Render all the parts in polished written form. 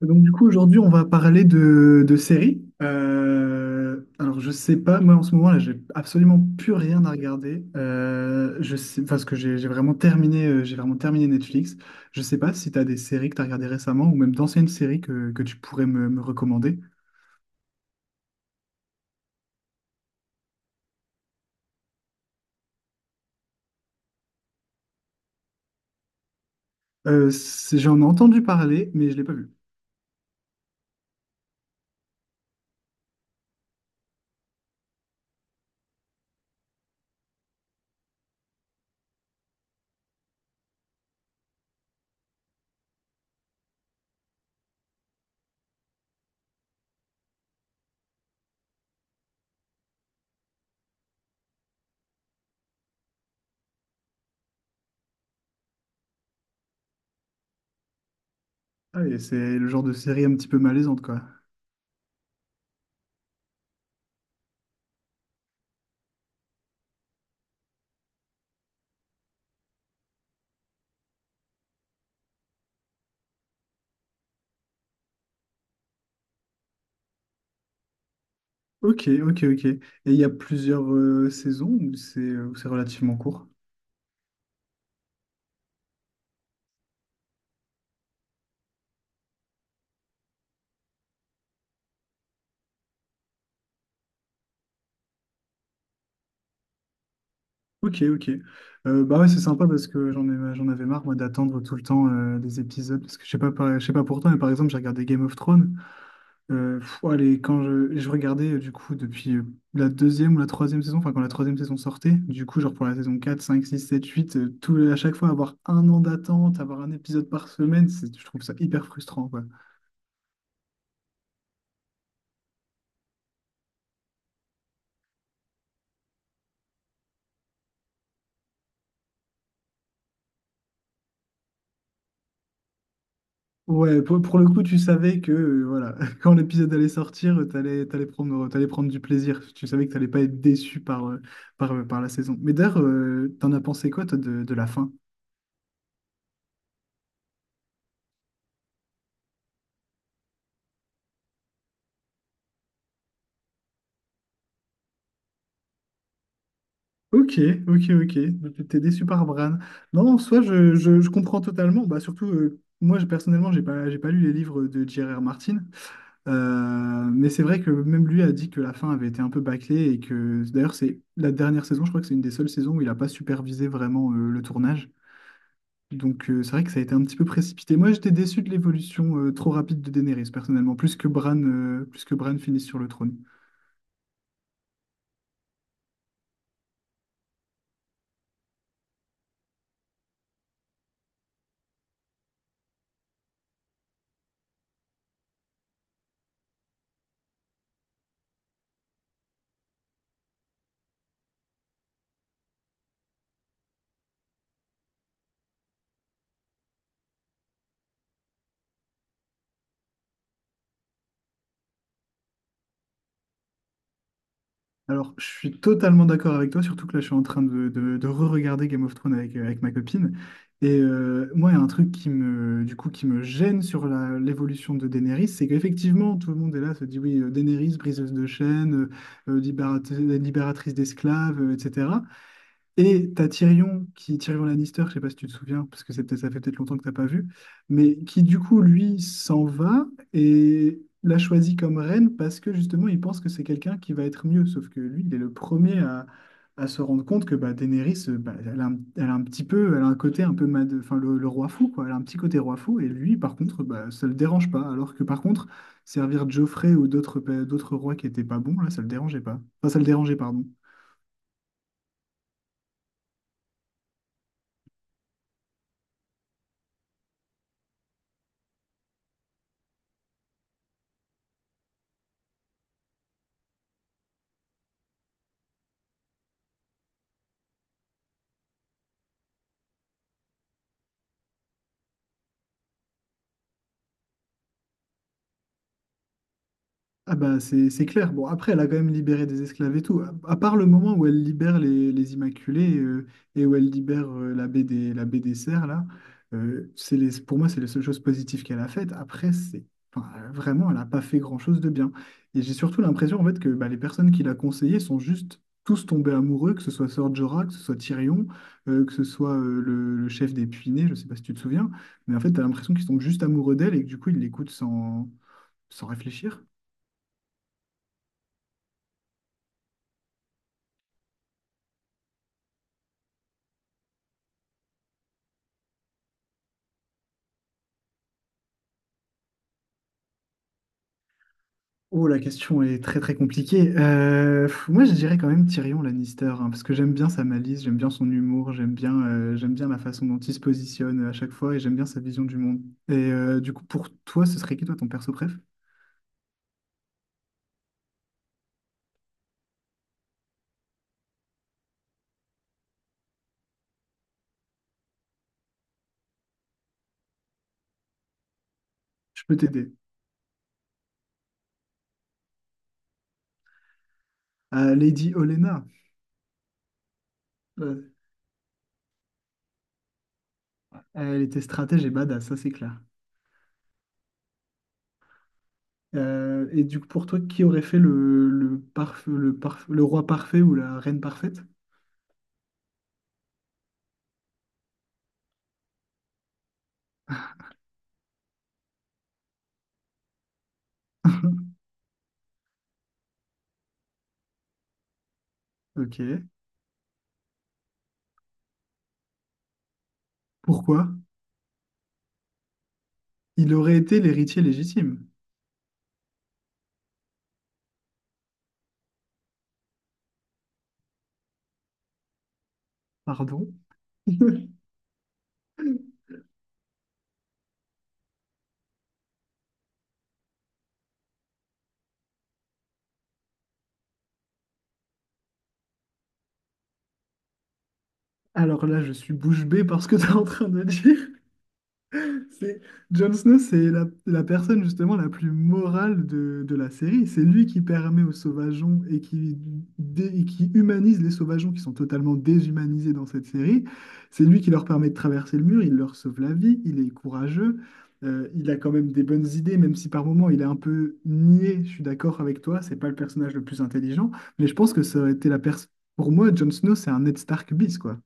Donc du coup aujourd'hui on va parler de séries. Alors je sais pas, moi en ce moment là j'ai absolument plus rien à regarder. Je sais parce que j'ai vraiment terminé Netflix. Je sais pas si tu as des séries que tu as regardées récemment ou même d'anciennes séries que tu pourrais me recommander. J'en ai entendu parler mais je l'ai pas vu. Ah, et c'est le genre de série un petit peu malaisante, quoi. Ok, ok, ok. Et il y a plusieurs saisons, ou c'est relativement court? Ok, ok. Bah ouais, c'est sympa parce que j'en avais marre, moi, d'attendre tout le temps des épisodes. Parce que je sais pas, je sais pas pour toi, mais par exemple, j'ai regardé Game of Thrones. Quand je regardais, du coup, depuis la deuxième ou la troisième saison, enfin, quand la troisième saison sortait, du coup, genre pour la saison quatre, cinq, six, sept, huit, tout, à chaque fois, avoir un an d'attente, avoir un épisode par semaine, c'est, je trouve ça hyper frustrant, quoi. Ouais, pour le coup, tu savais que voilà, quand l'épisode allait sortir, t'allais prendre du plaisir. Tu savais que t'allais pas être déçu par la saison. Mais d'ailleurs, t'en as pensé quoi, toi, de la fin? Ok, ok, ok. Donc, tu T'es déçu par Bran. Non, en soi, je comprends totalement. Bah, surtout, moi, personnellement, j'ai pas lu les livres de J.R.R. Martin. Mais c'est vrai que même lui a dit que la fin avait été un peu bâclée et que d'ailleurs, c'est la dernière saison, je crois que c'est une des seules saisons où il a pas supervisé vraiment le tournage. Donc c'est vrai que ça a été un petit peu précipité. Moi, j'étais déçu de l'évolution trop rapide de Daenerys, personnellement, plus que Bran finisse sur le trône. Alors, je suis totalement d'accord avec toi, surtout que là, je suis en train de re-regarder Game of Thrones avec ma copine. Et moi, il y a un truc qui me gêne sur l'évolution de Daenerys, c'est qu'effectivement, tout le monde est là, se dit, oui, Daenerys, briseuse de chaînes, libératrice d'esclaves, etc. Et t'as Tyrion Lannister, je sais pas si tu te souviens, parce que ça fait peut-être longtemps que t'as pas vu, mais qui du coup, lui, s'en va et l'a choisi comme reine parce que justement, il pense que c'est quelqu'un qui va être mieux. Sauf que lui, il est le premier à se rendre compte que bah, Daenerys, elle a un côté un peu mad, enfin, le roi fou, quoi. Elle a un petit côté roi fou, et lui, par contre, bah, ça le dérange pas. Alors que par contre, servir Joffrey ou d'autres rois qui étaient pas bons, là, ça le dérangeait pas. Enfin, ça le dérangeait, pardon. Ah bah c'est clair. Bon, après, elle a quand même libéré des esclaves et tout. À part le moment où elle libère les Immaculés et où elle libère la baie des Cerfs, là. Pour moi, c'est les seules choses positives qu'elle a faites. Après, vraiment, elle n'a pas fait grand-chose de bien. Et j'ai surtout l'impression, en fait, que bah, les personnes qui l'a conseillé sont juste tous tombés amoureux, que ce soit Sœur Jorah, que ce soit Tyrion, que ce soit le chef des Puinés, je sais pas si tu te souviens, mais en fait, tu as l'impression qu'ils tombent juste amoureux d'elle et que du coup, ils l'écoutent sans réfléchir. Oh, la question est très très compliquée. Moi, je dirais quand même Tyrion Lannister, hein, parce que j'aime bien sa malice, j'aime bien son humour, j'aime bien la façon dont il se positionne à chaque fois et j'aime bien sa vision du monde. Et du coup, pour toi, ce serait qui toi ton perso préf? Je peux t'aider. Lady Olenna. Euh, Elle était stratège et badass, ça c'est clair. Et du coup, pour toi, qui aurait fait le roi parfait ou la reine parfaite? Ok. Pourquoi? Il aurait été l'héritier légitime. Pardon? Alors là, je suis bouche bée par ce que tu es en train de dire. C'est Jon Snow, c'est la personne justement la plus morale de la série. C'est lui qui permet aux sauvageons et qui humanise les sauvageons qui sont totalement déshumanisés dans cette série. C'est lui qui leur permet de traverser le mur, il leur sauve la vie, il est courageux, il a quand même des bonnes idées, même si par moments il est un peu niais, je suis d'accord avec toi, c'est pas le personnage le plus intelligent, mais je pense que ça aurait été la personne... Pour moi, Jon Snow, c'est un Ned Stark bis, quoi.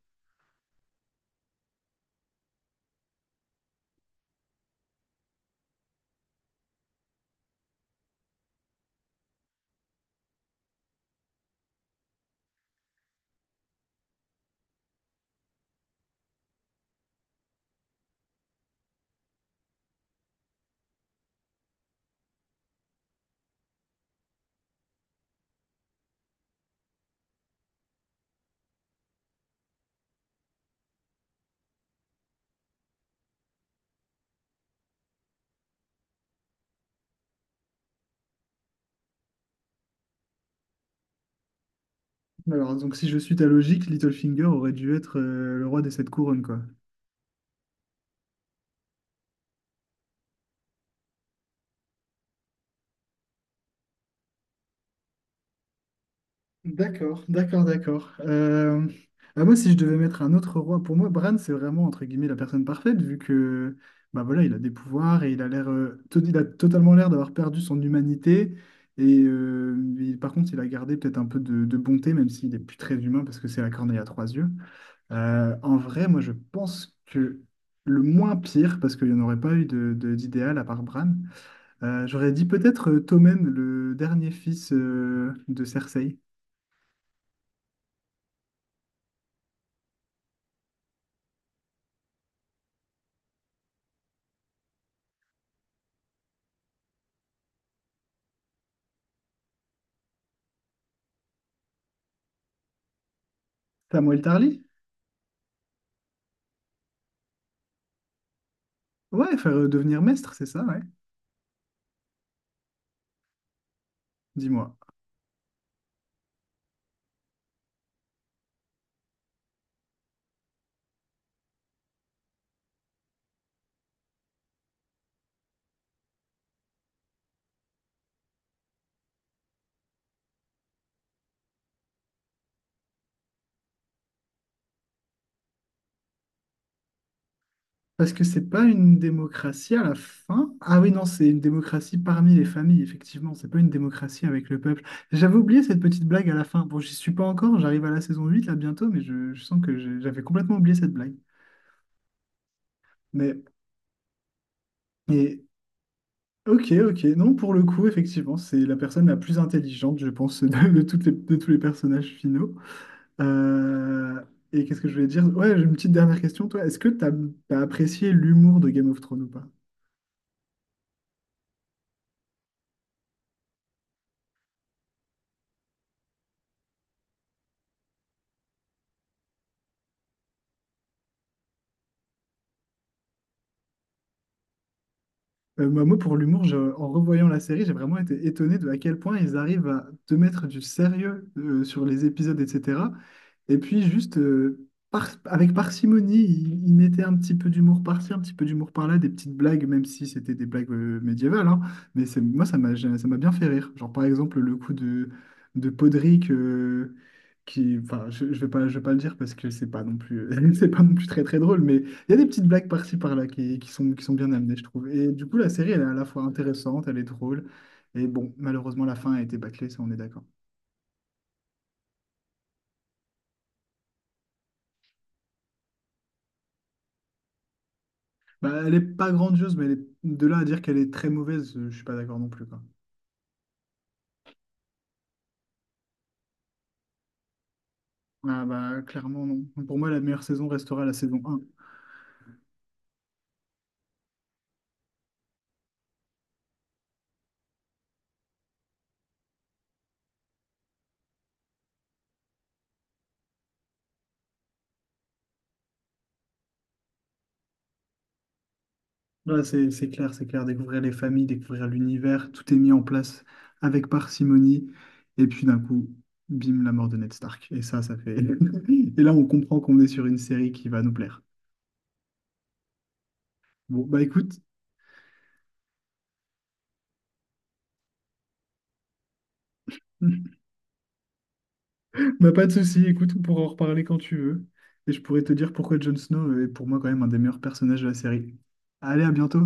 Alors, donc si je suis ta logique, Littlefinger aurait dû être le roi des sept couronnes, quoi. D'accord, d'accord, d'accord. Bah, moi, si je devais mettre un autre roi, pour moi, Bran, c'est vraiment, entre guillemets, la personne parfaite, vu que, bah voilà, il a des pouvoirs et il a totalement l'air d'avoir perdu son humanité. Par contre, il a gardé peut-être un peu de bonté, même s'il n'est plus très humain, parce que c'est la corneille à trois yeux. En vrai, moi, je pense que le moins pire, parce qu'il n'y en aurait pas eu d'idéal à part Bran, j'aurais dit peut-être Tommen, le dernier fils de Cersei. Samuel Tarly? Ouais, faire devenir maître, c'est ça, ouais. Dis-moi. Parce que c'est pas une démocratie à la fin. Ah oui, non, c'est une démocratie parmi les familles, effectivement. C'est pas une démocratie avec le peuple. J'avais oublié cette petite blague à la fin. Bon, j'y suis pas encore, j'arrive à la saison 8, là bientôt, mais je sens que j'avais complètement oublié cette blague. Mais, mais, ok, ok. Non, pour le coup, effectivement, c'est la personne la plus intelligente, je pense, de tous les personnages finaux. Euh, et qu'est-ce que je voulais dire? Ouais, j'ai une petite dernière question, toi. Est-ce que t'as apprécié l'humour de Game of Thrones ou pas? Pour l'humour, en revoyant la série, j'ai vraiment été étonné de à quel point ils arrivent à te mettre du sérieux sur les épisodes, etc. Et puis juste avec parcimonie, il mettait un petit peu d'humour par-ci, un petit peu d'humour par-là, des petites blagues, même si c'était des blagues médiévales. Hein. Mais moi, ça m'a bien fait rire. Genre par exemple le coup de Podrick, qui, enfin, je vais pas le dire parce que c'est pas non plus, c'est pas non plus très très drôle. Mais il y a des petites blagues par-ci par-là qui sont bien amenées, je trouve. Et du coup, la série, elle est à la fois intéressante, elle est drôle. Et bon, malheureusement, la fin a été bâclée, ça on est d'accord. Bah, elle est pas grandiose, mais de là à dire qu'elle est très mauvaise, je suis pas d'accord non plus, quoi. Ah bah clairement non. Pour moi, la meilleure saison restera la saison un. Ouais, c'est clair, c'est clair. Découvrir les familles, découvrir l'univers, tout est mis en place avec parcimonie. Et puis d'un coup, bim, la mort de Ned Stark. Et ça fait. Et là, on comprend qu'on est sur une série qui va nous plaire. Bon, bah écoute, bah pas de souci, écoute, on pourra en reparler quand tu veux. Et je pourrais te dire pourquoi Jon Snow est pour moi quand même un des meilleurs personnages de la série. Allez, à bientôt!